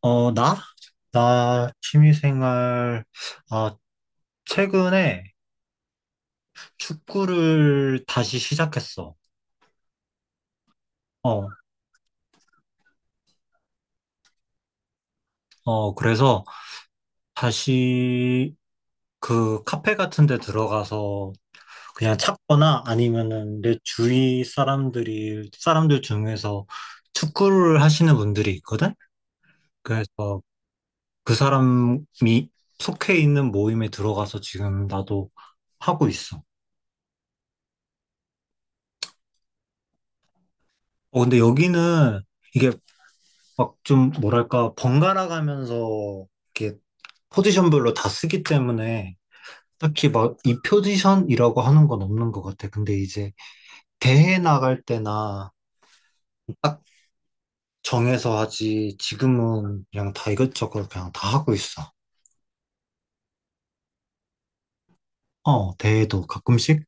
어, 나? 나 취미생활, 아, 최근에 축구를 다시 시작했어. 어, 그래서 다시 그 카페 같은 데 들어가서 그냥 찾거나 아니면은 내 주위 사람들 중에서 축구를 하시는 분들이 있거든? 그래서 그 사람이 속해 있는 모임에 들어가서 지금 나도 하고 있어. 어, 근데 여기는 이게 막 좀 뭐랄까 번갈아 가면서 이렇게 포지션별로 다 쓰기 때문에 딱히 막 이 포지션이라고 하는 건 없는 것 같아. 근데 이제 대회 나갈 때나 딱 정해서 하지 지금은 그냥 다 이것저것 그냥 다 하고 있어. 어, 대회도 가끔씩.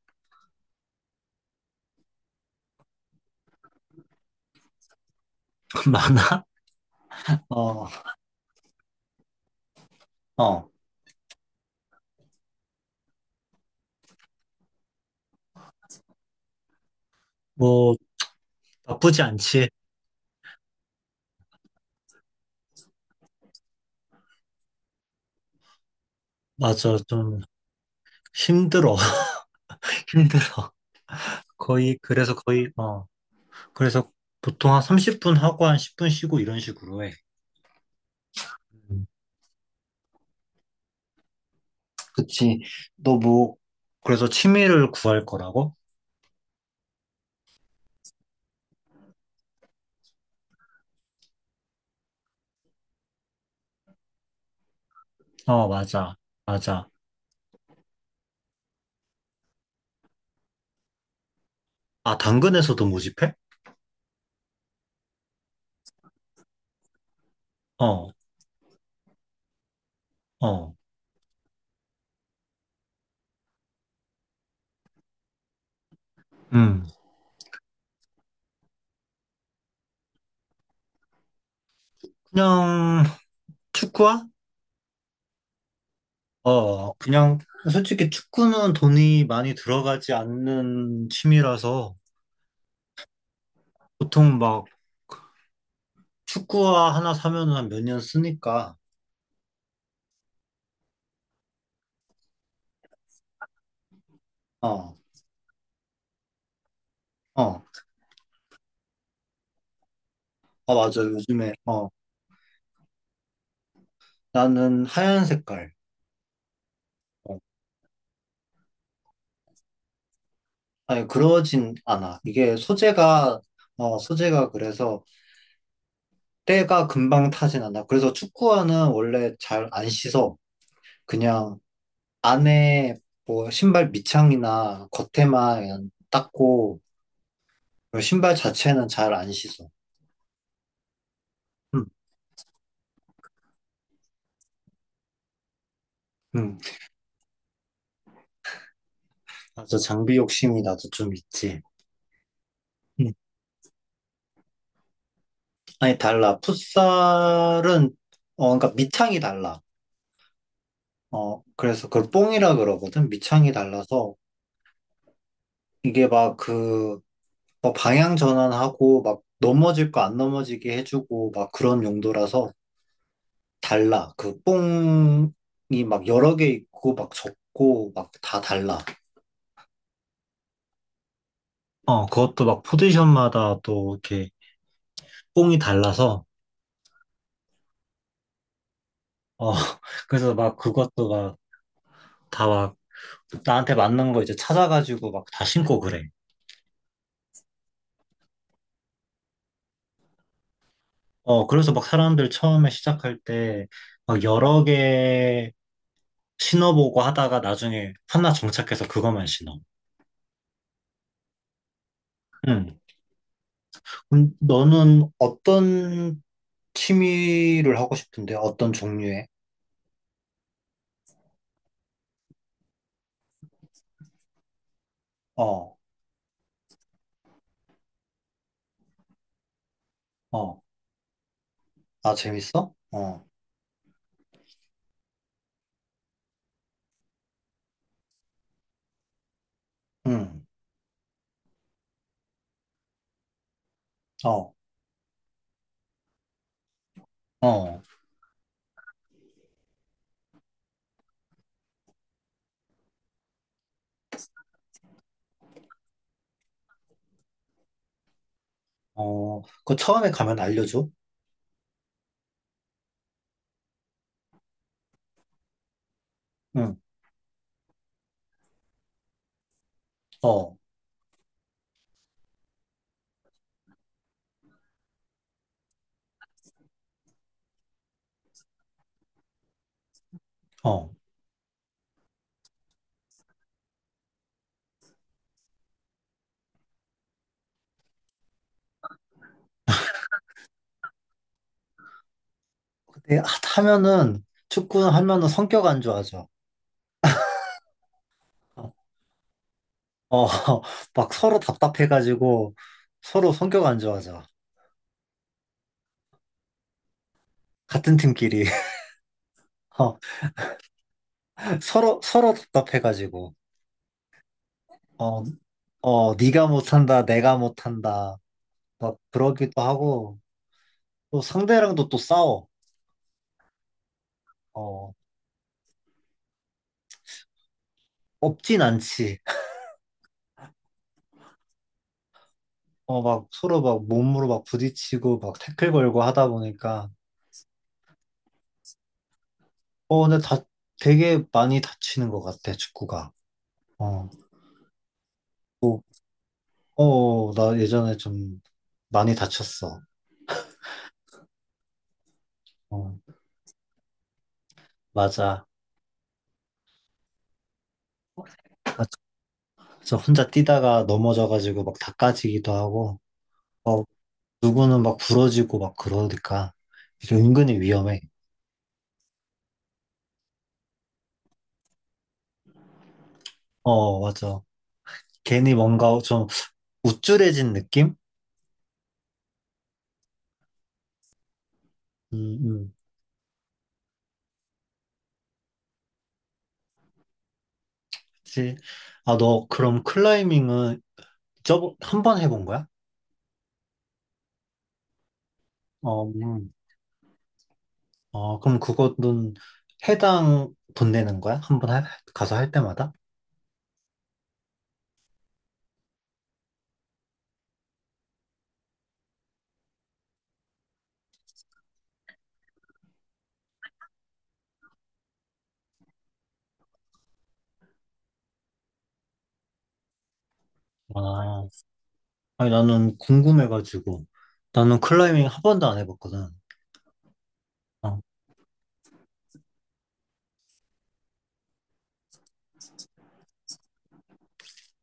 많아. 어, 어, 뭐 나쁘지 않지. 맞아, 좀 힘들어, 힘들어. 거의 그래서 거의 어 그래서 보통 한 30분 하고 한 10분 쉬고 이런 식으로 해. 그치. 너 뭐, 그래서 취미를 구할 거라고? 어, 맞아. 맞아. 아, 당근에서도 모집해? 어, 어. 음. 그냥, 축구화? 어, 그냥, 솔직히 축구는 돈이 많이 들어가지 않는 취미라서, 보통 막, 축구화 하나 사면은 한 몇 년 쓰니까, 어, 어. 아, 맞아. 요즘에, 어. 나는 하얀 색깔. 어. 아니, 그러진 않아. 이게 소재가, 어, 소재가 그래서, 때가 금방 타진 않아. 그래서 축구화는 원래 잘 안 씻어. 그냥 안에 뭐 신발 밑창이나 겉에만 그냥 닦고 신발 자체는 잘 안 씻어. 음, 음. 맞아. 장비 욕심이 나도 좀 있지. 응. 아니, 달라. 풋살은, 어, 그러니까 밑창이 달라. 어, 그래서 그걸 뽕이라 그러거든. 밑창이 달라서 이게 막 그, 뭐 방향 전환하고 막 넘어질 거 안 넘어지게 해주고 막 그런 용도라서 달라. 그 뽕이 막 여러 개 있고 막 적고 막 다 달라. 어, 그것도 막 포지션마다 또 이렇게 뽕이 달라서, 어, 그래서 막 그것도 막 다 막 나한테 맞는 거 이제 찾아가지고 막 다 신고 그래. 어, 그래서 막 사람들 처음에 시작할 때 막 여러 개 신어보고 하다가 나중에 하나 정착해서 그것만 신어. 응. 너는 어떤 취미를 하고 싶은데? 어떤 종류의? 어, 어. 아, 재밌어? 어, 응, 어, 어, 어, 그 처음에 가면 알려줘. 응, 어, 어. 근데 하면은, 축구 하면은 성격 안 좋아져. 어, 어, 막 서로 답답해가지고, 서로 성격 안 좋아져. 같은 팀끼리. 어, 서로 답답해가지고. 어, 어, 네가 못한다, 내가 못한다. 막 그러기도 하고, 또 상대랑도 또 싸워. 어, 없진 않지. 어, 막 서로 막 몸으로 막 부딪히고 막 태클 걸고 하다 보니까 어, 근데 다 되게 많이 다치는 것 같아, 축구가. 어, 뭐, 어, 나 예전에 좀 많이 다쳤어. 어, 맞아. 저 혼자 뛰다가 넘어져가지고 막 닦아지기도 하고, 어, 누구는 막 부러지고 막 그러니까 이게 은근히 위험해. 어, 맞아. 괜히 뭔가 좀 우쭐해진 느낌? 음, 음. 그치. 아, 너 그럼 클라이밍은 저번 한 번 해본 거야? 어, 어, 그럼 그거는 해당 돈 내는 거야? 한 번 가서 할 때마다? 아, 아니, 나는 궁금해가지고. 나는 클라이밍 한 번도 안 해봤거든. 어,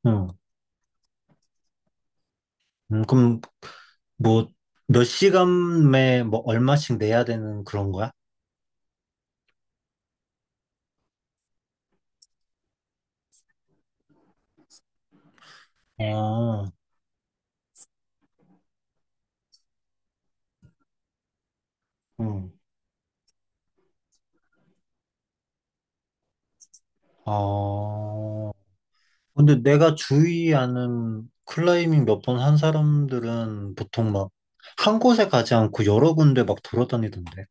응. 그럼 뭐, 몇 시간에 뭐, 얼마씩 내야 되는 그런 거야? 아, 응. 어, 근데 내가 주위 아는 클라이밍 몇 번 한 사람들은 보통 막, 한 곳에 가지 않고 여러 군데 막 돌아다니던데.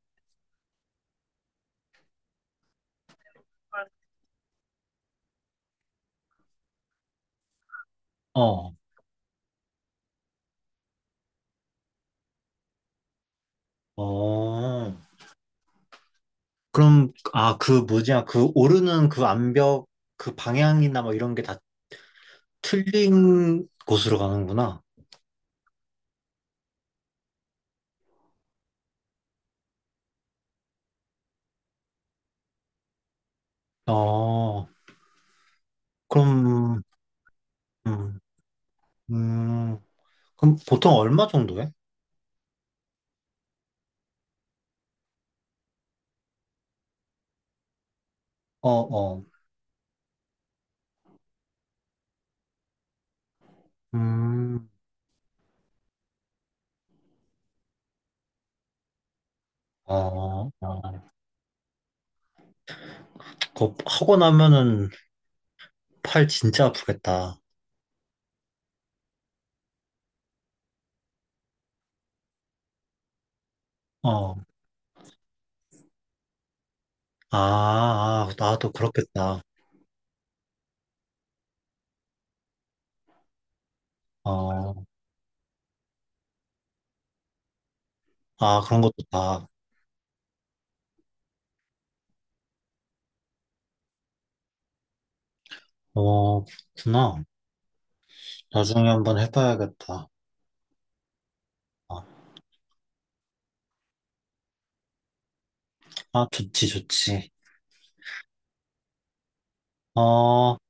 어. 어, 그럼, 아, 그 뭐지야, 그 오르는 그 암벽, 그 방향이나 뭐 이런 게 다 틀린 곳으로 가는구나. 어, 그럼, 음, 음, 그럼 보통 얼마 정도 해? 어, 어, 음, 어, 어. 그거 하고 나면은 팔 진짜 아프겠다. 어, 아, 아, 나도 그렇겠다. 어, 아, 그런 것도 다, 어, 그렇구나. 나중에 한번 해봐야겠다. 어. 아, 좋지, 좋지. 어,